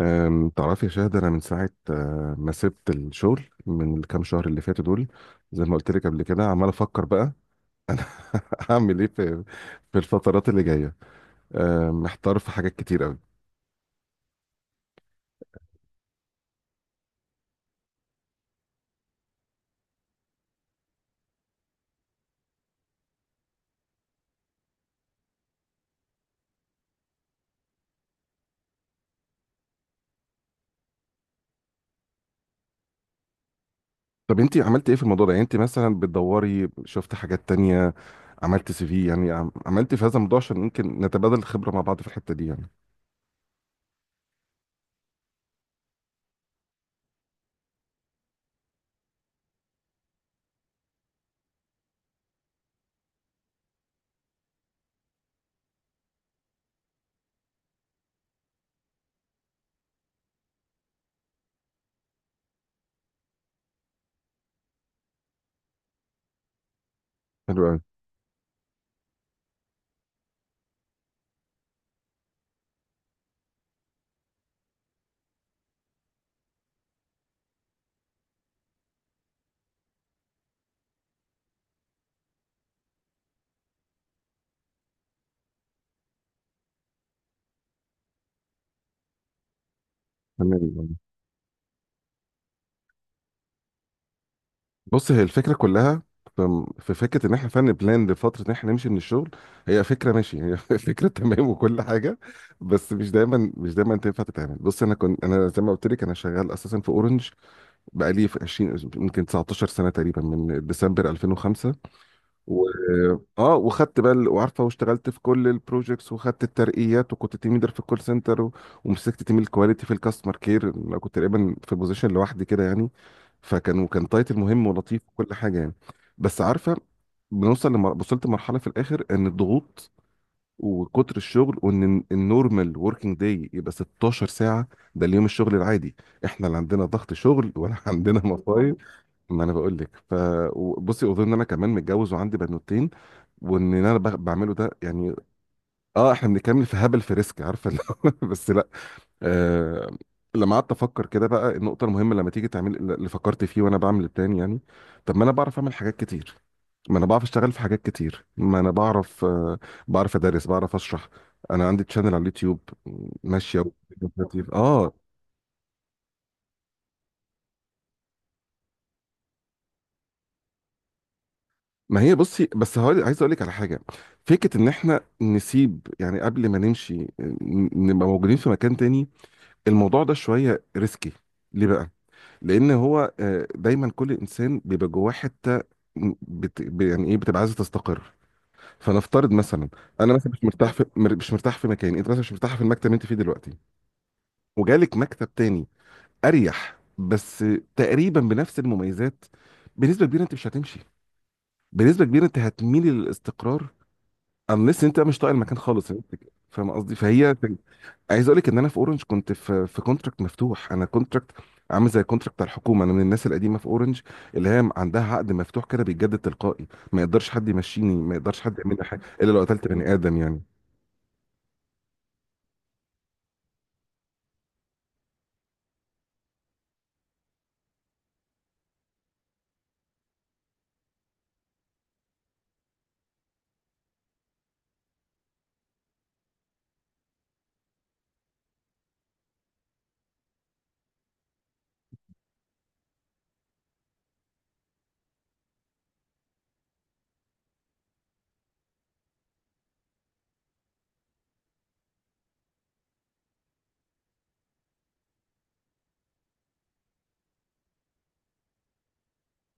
تعرفي يا شاهد، انا من ساعه ما سبت الشغل من الكام شهر اللي فاتوا دول. زي ما قلت لك قبل كده عمال افكر بقى انا. هعمل ايه في الفترات اللي جايه. محتار في حاجات كتير قوي. طب انت عملتي ايه في الموضوع ده؟ يعني انت مثلا بتدوري، شفت حاجات تانية، عملت سي في؟ يعني عملتي في هذا الموضوع عشان يمكن نتبادل الخبره مع بعض في الحته دي يعني. حلو قوي. تمام. بص، هي الفكرة كلها، في فكرة إن إحنا فعلا بلان لفترة إن إحنا نمشي من الشغل. هي فكرة ماشي، هي فكرة تمام وكل حاجة. بس مش دايما تنفع تتعمل. بص أنا كنت، أنا زي ما قلت لك، أنا شغال أساسا في أورنج بقالي في يمكن 19 سنة تقريبا من ديسمبر 2005. و... اه، وخدت بقى وعارفه، واشتغلت في كل البروجكتس وخدت الترقيات، وكنت تيم ليدر في الكول سنتر. ومسكت تيم الكواليتي في الكاستمر كير. أنا كنت تقريبا في بوزيشن لوحدي كده يعني، فكان تايتل مهم ولطيف وكل حاجه يعني. بس عارفه، بنوصل لم... وصلت لمرحله في الاخر، ان الضغوط وكتر الشغل، وان النورمال وركينج داي يبقى 16 ساعه. ده اليوم الشغل العادي، احنا لا عندنا ضغط شغل ولا عندنا مصايب. ما انا بقول لك. فبصي، اظن ان انا كمان متجوز وعندي بنوتين، وان انا بعمله ده يعني. اه، احنا بنتكلم في هبل، في ريسك، عارفه اللي هو بس لا. آه، لما قعدت افكر كده بقى النقطه المهمه، لما تيجي تعمل اللي فكرت فيه وانا بعمل البلان يعني. طب ما انا بعرف اعمل حاجات كتير، ما انا بعرف اشتغل في حاجات كتير، ما انا بعرف بعرف ادرس، بعرف اشرح. انا عندي تشانل على اليوتيوب ماشيه اه. ما هي بصي، بس هقول، عايز اقول لك على حاجه. فكره ان احنا نسيب يعني، قبل ما نمشي، نبقى موجودين في مكان تاني. الموضوع ده شوية ريسكي. ليه بقى؟ لأن هو دايما كل إنسان بيبقى جواه حتة، يعني إيه، بتبقى عايزة تستقر. فنفترض مثلا، أنا مثلا مش مرتاح في مش مرتاح في مكان، أنت مثلا مش مرتاح في المكتب اللي أنت فيه دلوقتي، وجالك مكتب تاني أريح، بس تقريبا بنفس المميزات. بنسبة كبيرة أنت مش هتمشي، بنسبة كبيرة أنت هتميل للاستقرار، unless أنت مش طايق المكان خالص. فاهم قصدي؟ فهي. عايز اقول لك ان انا في اورنج كنت في كونتراكت مفتوح، انا كونتراكت عامل زي الكونتراكت بتاع الحكومه. انا من الناس القديمه في اورنج اللي هي عندها عقد مفتوح كده بيتجدد تلقائي، ما يقدرش حد يمشيني، ما يقدرش حد يعمل لي حاجه الا لو قتلت بني ادم يعني.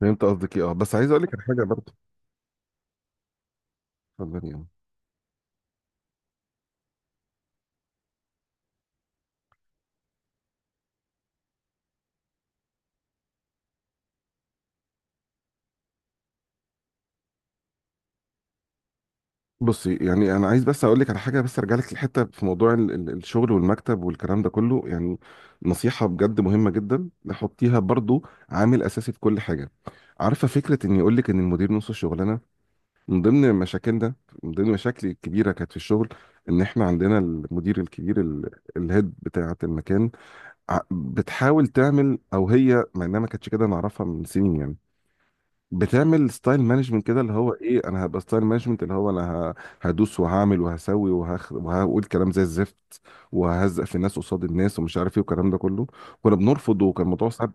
فهمت قصدك ايه، اه. بس عايز اقول لك على حاجه برضه. اتفضلي يعني. بصي يعني، انا عايز بس اقول لك على حاجه، بس ارجع لك لحته في موضوع الشغل والمكتب والكلام ده كله يعني. نصيحه بجد مهمه جدا، نحطيها برضو عامل اساسي في كل حاجه. عارفه فكره ان يقول لك ان المدير نص الشغلانه. من ضمن مشاكلنا، من ضمن مشاكلي الكبيره كانت في الشغل، ان احنا عندنا المدير الكبير، الهيد بتاعه المكان. بتحاول تعمل، او هي مع انها ما كانتش كده، نعرفها من سنين يعني. بتعمل ستايل مانجمنت كده، اللي هو ايه، انا هبقى ستايل مانجمنت، اللي هو انا ه- هدوس وهعمل وهسوي وهقول كلام زي الزفت، وههزق في الناس قصاد الناس ومش عارف ايه والكلام ده كله. كنا بنرفض وكان الموضوع صعب.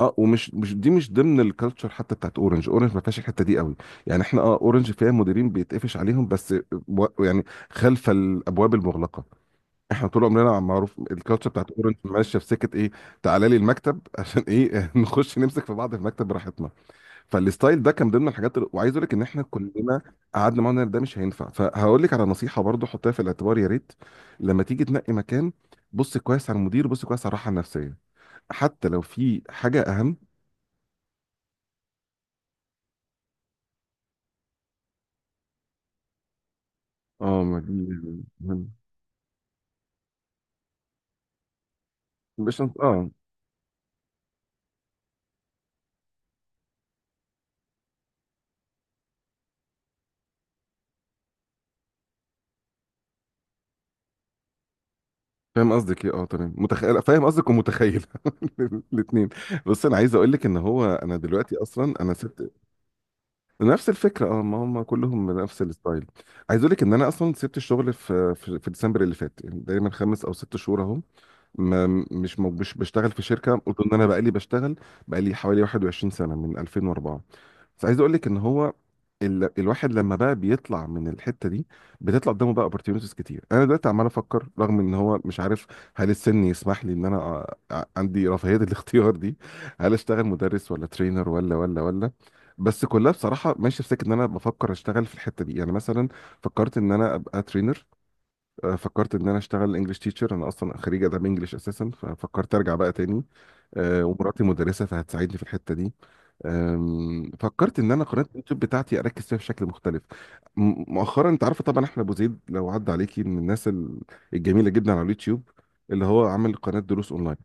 اه، ومش مش دي مش ضمن الكالتشر حتى بتاعت اورنج، اورنج ما فيهاش الحته دي قوي. يعني احنا، اه، اورنج فيها مديرين بيتقفش عليهم بس يعني، خلف الابواب المغلقه. احنا طول عمرنا معروف الكالتشر بتاعت اورنج ماشيه في سكه ايه. تعالى لي المكتب عشان ايه؟ نخش نمسك في بعض في المكتب براحتنا. فالستايل ده كان ضمن الحاجات وعايز اقول لك ان احنا كلنا قعدنا معانا ده مش هينفع. فهقول لك على نصيحه برضو، حطها في الاعتبار يا ريت. لما تيجي تنقي مكان، بص كويس على المدير، بص كويس على الراحه النفسيه، حتى لو في حاجه اهم. اه، ما دي مهم. مش انت... اه. فاهم قصدك ايه، اه، تمام، متخيل، فاهم قصدك ومتخيل. الاثنين. بس انا عايز اقول لك ان هو انا دلوقتي اصلا انا سبت. نفس الفكره، اه، ما هم كلهم نفس الستايل. عايز اقول لك ان انا اصلا سبت الشغل في ديسمبر اللي فات، يعني تقريبا خمس او ست شهور اهو. ما مش مش بشتغل في شركه، قلت ان انا بقالي بشتغل. بقالي حوالي 21 سنه من 2004. فعايز اقول لك ان هو، الواحد لما بقى بيطلع من الحته دي، بتطلع قدامه بقى opportunities كتير. انا دلوقتي عمال افكر، رغم ان هو مش عارف، هل السن يسمح لي ان انا عندي رفاهيه الاختيار دي؟ هل اشتغل مدرس ولا ترينر ولا ولا ولا؟ بس كلها بصراحه ماشيه في سكه ان انا بفكر اشتغل في الحته دي، يعني مثلا فكرت ان انا ابقى ترينر، فكرت ان انا اشتغل انجلش تيتشر. انا اصلا خريج اداب انجلش اساسا، ففكرت ارجع بقى تاني. ومراتي مدرسه فهتساعدني في الحته دي. فكرت ان انا قناه اليوتيوب بتاعتي اركز فيها بشكل مختلف. مؤخرا، انت عارفه طبعا احمد ابو زيد لو عدى عليكي، من الناس الجميله جدا على اليوتيوب، اللي هو عمل قناه دروس اونلاين.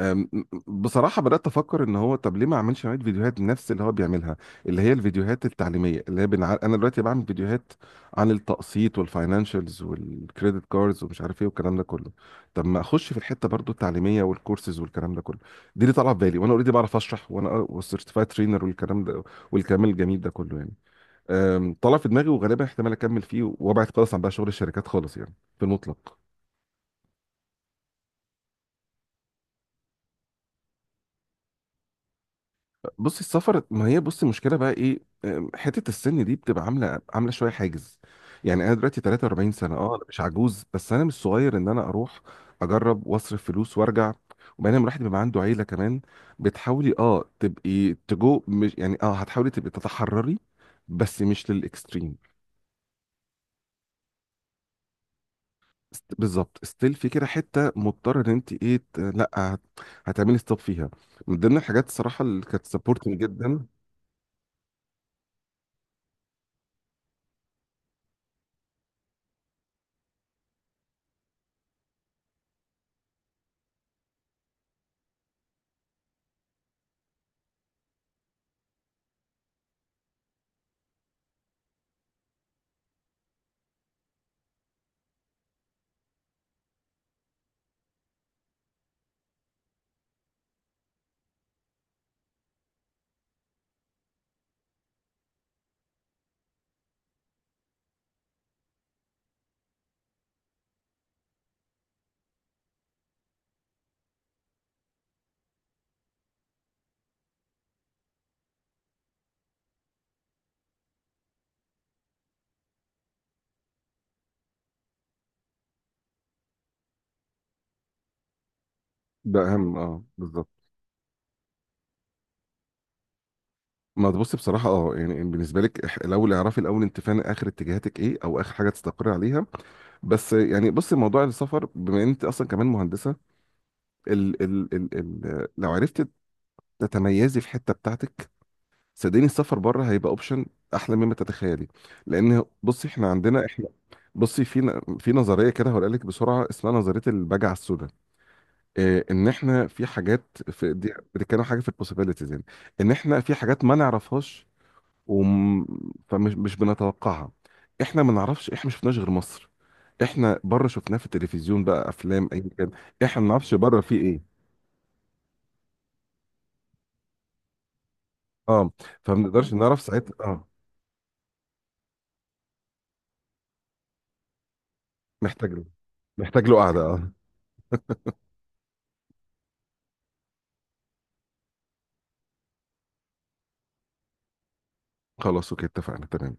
أم، بصراحة بدأت أفكر إن هو، طب ليه ما أعملش نوعية فيديوهات نفس اللي هو بيعملها، اللي هي الفيديوهات التعليمية، اللي هي أنا دلوقتي بعمل فيديوهات عن التقسيط والفاينانشالز والكريدت كاردز ومش عارف إيه والكلام ده كله. طب ما أخش في الحتة برضو التعليمية والكورسز والكلام ده كله، دي اللي طالعة في بالي. وأنا أوريدي بعرف أشرح، وأنا والسيرتيفايد ترينر والكلام ده والكلام الجميل ده كله يعني. طلع في دماغي، وغالبا احتمال أكمل فيه وأبعد خالص عن بقى شغل الشركات خالص يعني، في المطلق. بصي السفر، ما هي بصي المشكله بقى ايه. حته السن دي بتبقى عامله عامله شويه حاجز. يعني انا دلوقتي 43 سنه، اه انا مش عجوز، بس انا مش صغير ان انا اروح اجرب واصرف فلوس وارجع. وبعدين لما الواحد بيبقى عنده عيله كمان، بتحاولي تبقي مش يعني هتحاولي تبقي تتحرري، بس مش للاكستريم. بالظبط، ستيل في كده حته مضطره ان انت ايه، ت- لا هت- هتعملي ستوب فيها. من ضمن الحاجات الصراحه اللي كانت سبورتنج جدا. ده اهم، اه، بالظبط. ما تبص بصراحة، اه، يعني بالنسبة لك، الأول اعرفي الأول، أنت فعلا آخر اتجاهاتك إيه أو آخر حاجة تستقر عليها. بس يعني بص، موضوع السفر، بما إن أنت أصلا كمان مهندسة، ال ال ال ال لو عرفت تتميزي في حتة بتاعتك، صدقني السفر بره هيبقى أوبشن أحلى مما تتخيلي. لأن بصي إحنا عندنا، إحنا بصي في في نظرية كده هقول لك بسرعة، اسمها نظرية البجعة السوداء. إيه إن إحنا في حاجات في دي بتتكلم حاجة في البوسيبيليتيز يعني، إن إحنا في حاجات ما نعرفهاش وم... فمش مش بنتوقعها. احنا ما نعرفش، احنا ما شفناش غير مصر، احنا بره شفناه في التلفزيون بقى، افلام اي كان. احنا ما نعرفش بره فيه ايه. اه، فما نقدرش نعرف ساعتها. اه، محتاج له. محتاج له قعده، اه. خلاص، اوكي، اتفقنا، تمام.